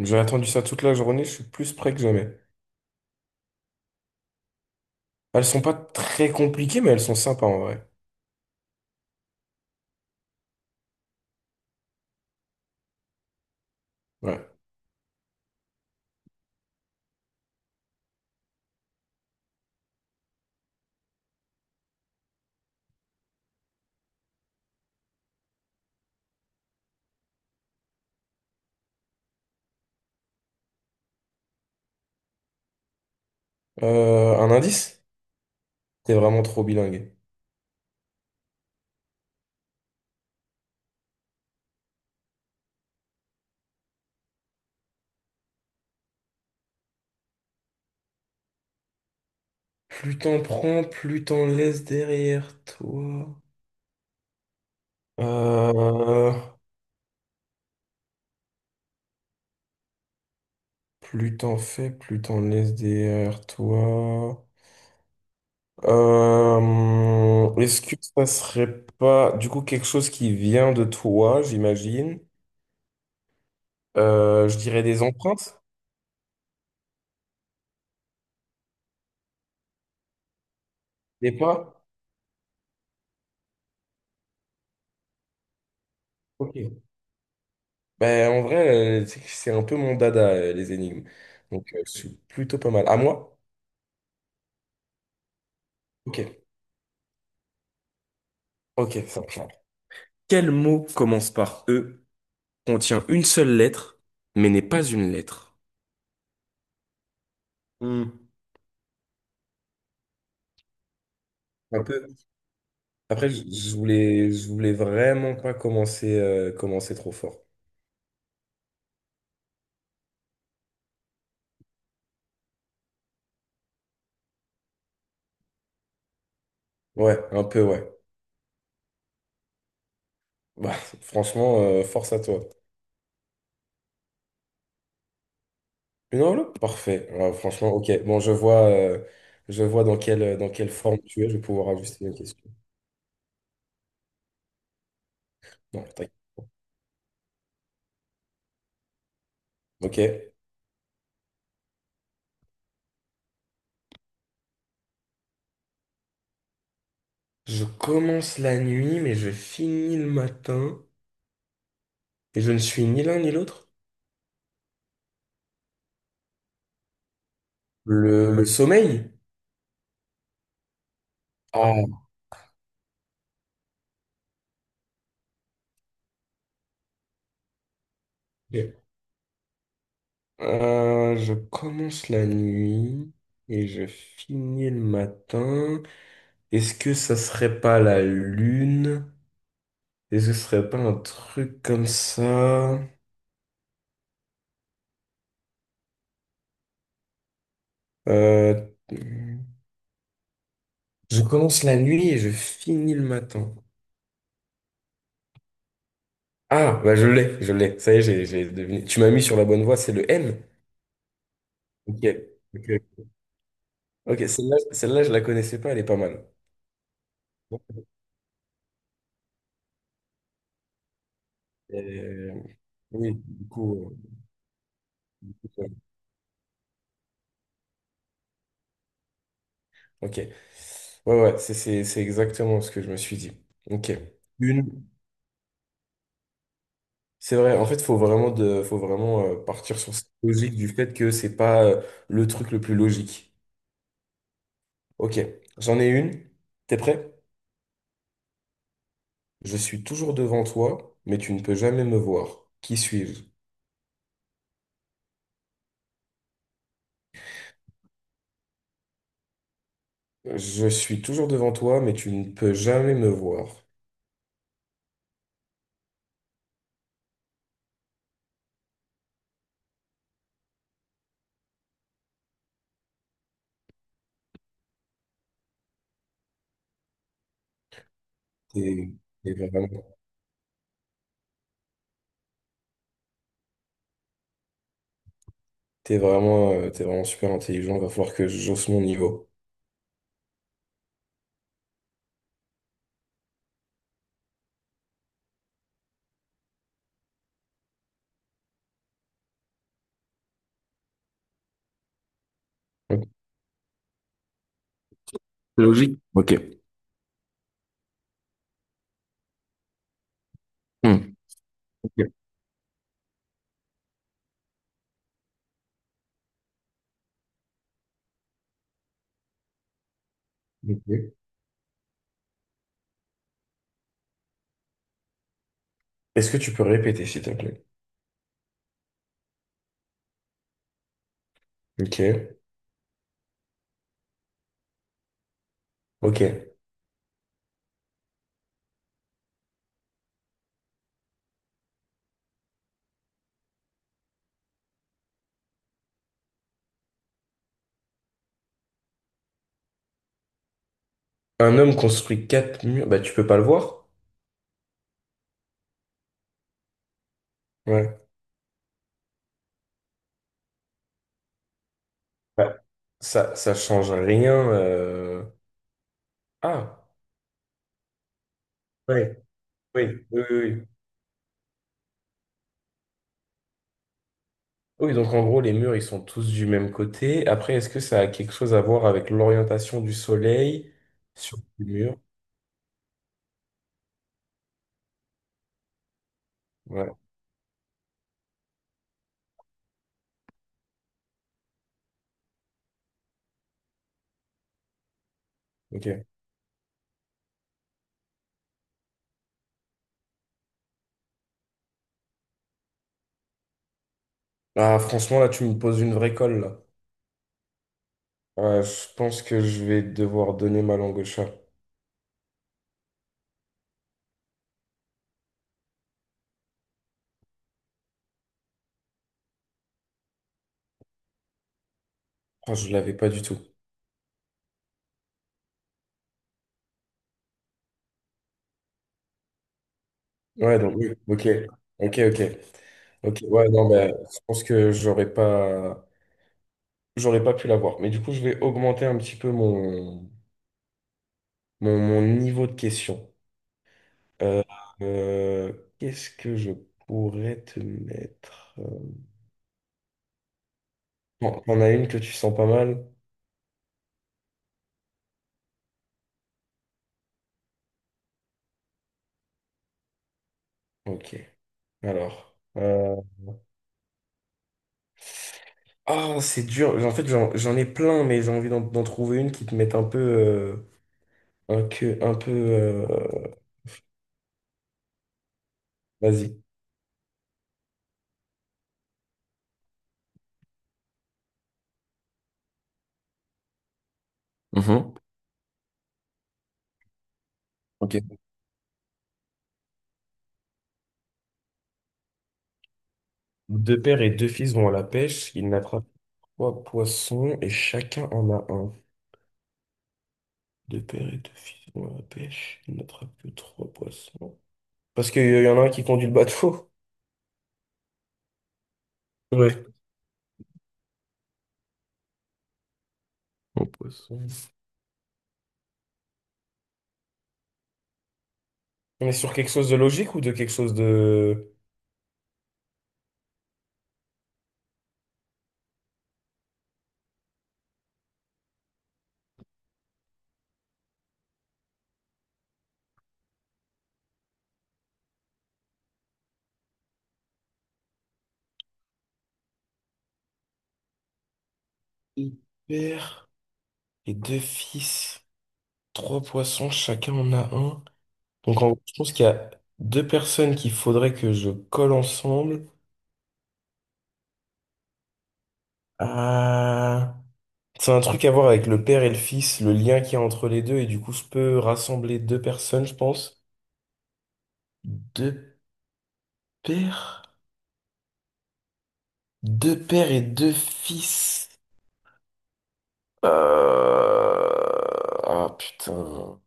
J'ai attendu ça toute la journée, je suis plus prêt que jamais. Elles sont pas très compliquées, mais elles sont sympas en vrai. Ouais. Un indice? T'es vraiment trop bilingue. Plus t'en prends, plus t'en laisses derrière toi. Euh, plus t'en fais, plus t'en laisses derrière toi. Est-ce que ça serait pas du coup quelque chose qui vient de toi, j'imagine? Je dirais des empreintes, des pas? Ok. Ben, en vrai, tu sais que c'est un peu mon dada, les énigmes. Donc, je suis plutôt pas mal. À moi? Ok, ok, ça marche. Quel mot commence par E, contient une seule lettre, mais n'est pas une lettre? Hmm. Un peu. Après, je voulais, je voulais vraiment pas commencer, commencer trop fort. Ouais, un peu, ouais. Bah, franchement, force à toi. Une enveloppe? Parfait. Ouais, franchement, ok. Bon, je vois dans dans quelle forme tu es. Je vais pouvoir ajuster mes questions. Non, t'inquiète. Ok. Je commence la nuit, mais je finis le matin. Et je ne suis ni l'un ni l'autre. Le sommeil? Ah, ok. Je commence la nuit et je finis le matin. Est-ce que ça serait pas la lune? Est-ce que ce serait pas un truc comme ça? Euh, je commence la nuit et je finis le matin. Ah, bah je l'ai, je l'ai. Ça y est, j'ai deviné. Tu m'as mis sur la bonne voie, c'est le N. Ok. Ok. Ok, celle-là, je la connaissais pas, elle est pas mal. Bon, Euh, oui, du coup, euh, ok. Ouais, ouais, c'est exactement ce que je me suis dit. Ok. Une. C'est vrai, en fait, faut vraiment partir sur cette logique du fait que c'est pas le truc le plus logique. Ok, j'en ai une. T'es prêt? Je suis toujours devant toi, mais tu ne peux jamais me voir. Qui suis-je? Je suis toujours devant toi, mais tu ne peux jamais me voir. T'es t'es vraiment t'es vraiment super intelligent, va falloir que j'hausse mon niveau. Ok. C'est logique. Ok. Hmm. Ok. Ok. Est-ce que tu peux répéter, s'il te plaît? Ok. Ok. Un homme construit quatre murs. Bah, tu peux pas le voir? Ouais. Bah, ça change rien. Ah, ouais. Oui, oui, oui. Oui, oui, donc en gros, les murs, ils sont tous du même côté. Après, est-ce que ça a quelque chose à voir avec l'orientation du soleil sur les murs? Ouais, ok. Ah, franchement, là, tu me poses une vraie colle, là. Ouais, je pense que je vais devoir donner ma langue au chat. Oh, je l'avais pas du tout. Ouais, donc oui, ok, ok, ok, ok. Ouais, non, mais je pense que j'aurais pas pu l'avoir. Mais du coup, je vais augmenter un petit peu mon niveau de question. Euh, euh, qu'est-ce que je pourrais te mettre? Bon, t'en as une que tu sens pas mal? Ok. Alors, ah, c'est dur. En fait, j'en ai plein, mais j'ai envie d'en trouver une qui te mette un peu. Un peu... vas-y. Mhm. Ok. Deux pères et deux fils vont à la pêche. Ils n'attrapent trois poissons et chacun en a un. Deux pères et deux fils vont à la pêche. Ils n'attrapent que trois poissons. Parce qu'il y en a un qui conduit le bateau. Ouais. Bon, poisson. On est sur quelque chose de logique ou de quelque chose de... Deux pères et deux fils. Trois poissons, chacun en a un. Donc en gros, je pense qu'il y a deux personnes qu'il faudrait que je colle ensemble. Ah, c'est un truc à voir avec le père et le fils, le lien qu'il y a entre les deux, et du coup, je peux rassembler deux personnes, je pense. Deux pères? Deux pères et deux fils. Euh, Ah putain.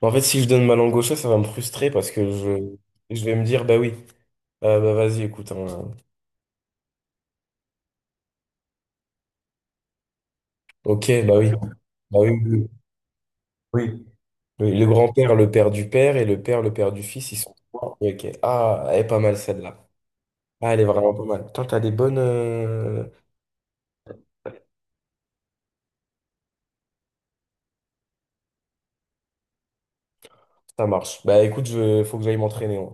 En fait, si je donne ma langue au chat, ça va me frustrer parce que je vais me dire, bah oui, Ah, bah vas-y, écoute, hein. Ok, bah oui, oui, oui. Oui, oui, le grand-père, le père du père, et le père du fils, ils sont trois. Ok, ah, elle est pas mal celle-là. Ah, elle est vraiment pas mal. Toi, t'as des bonnes. Ça marche. Bah écoute, je... faut que j'aille m'entraîner. Hein.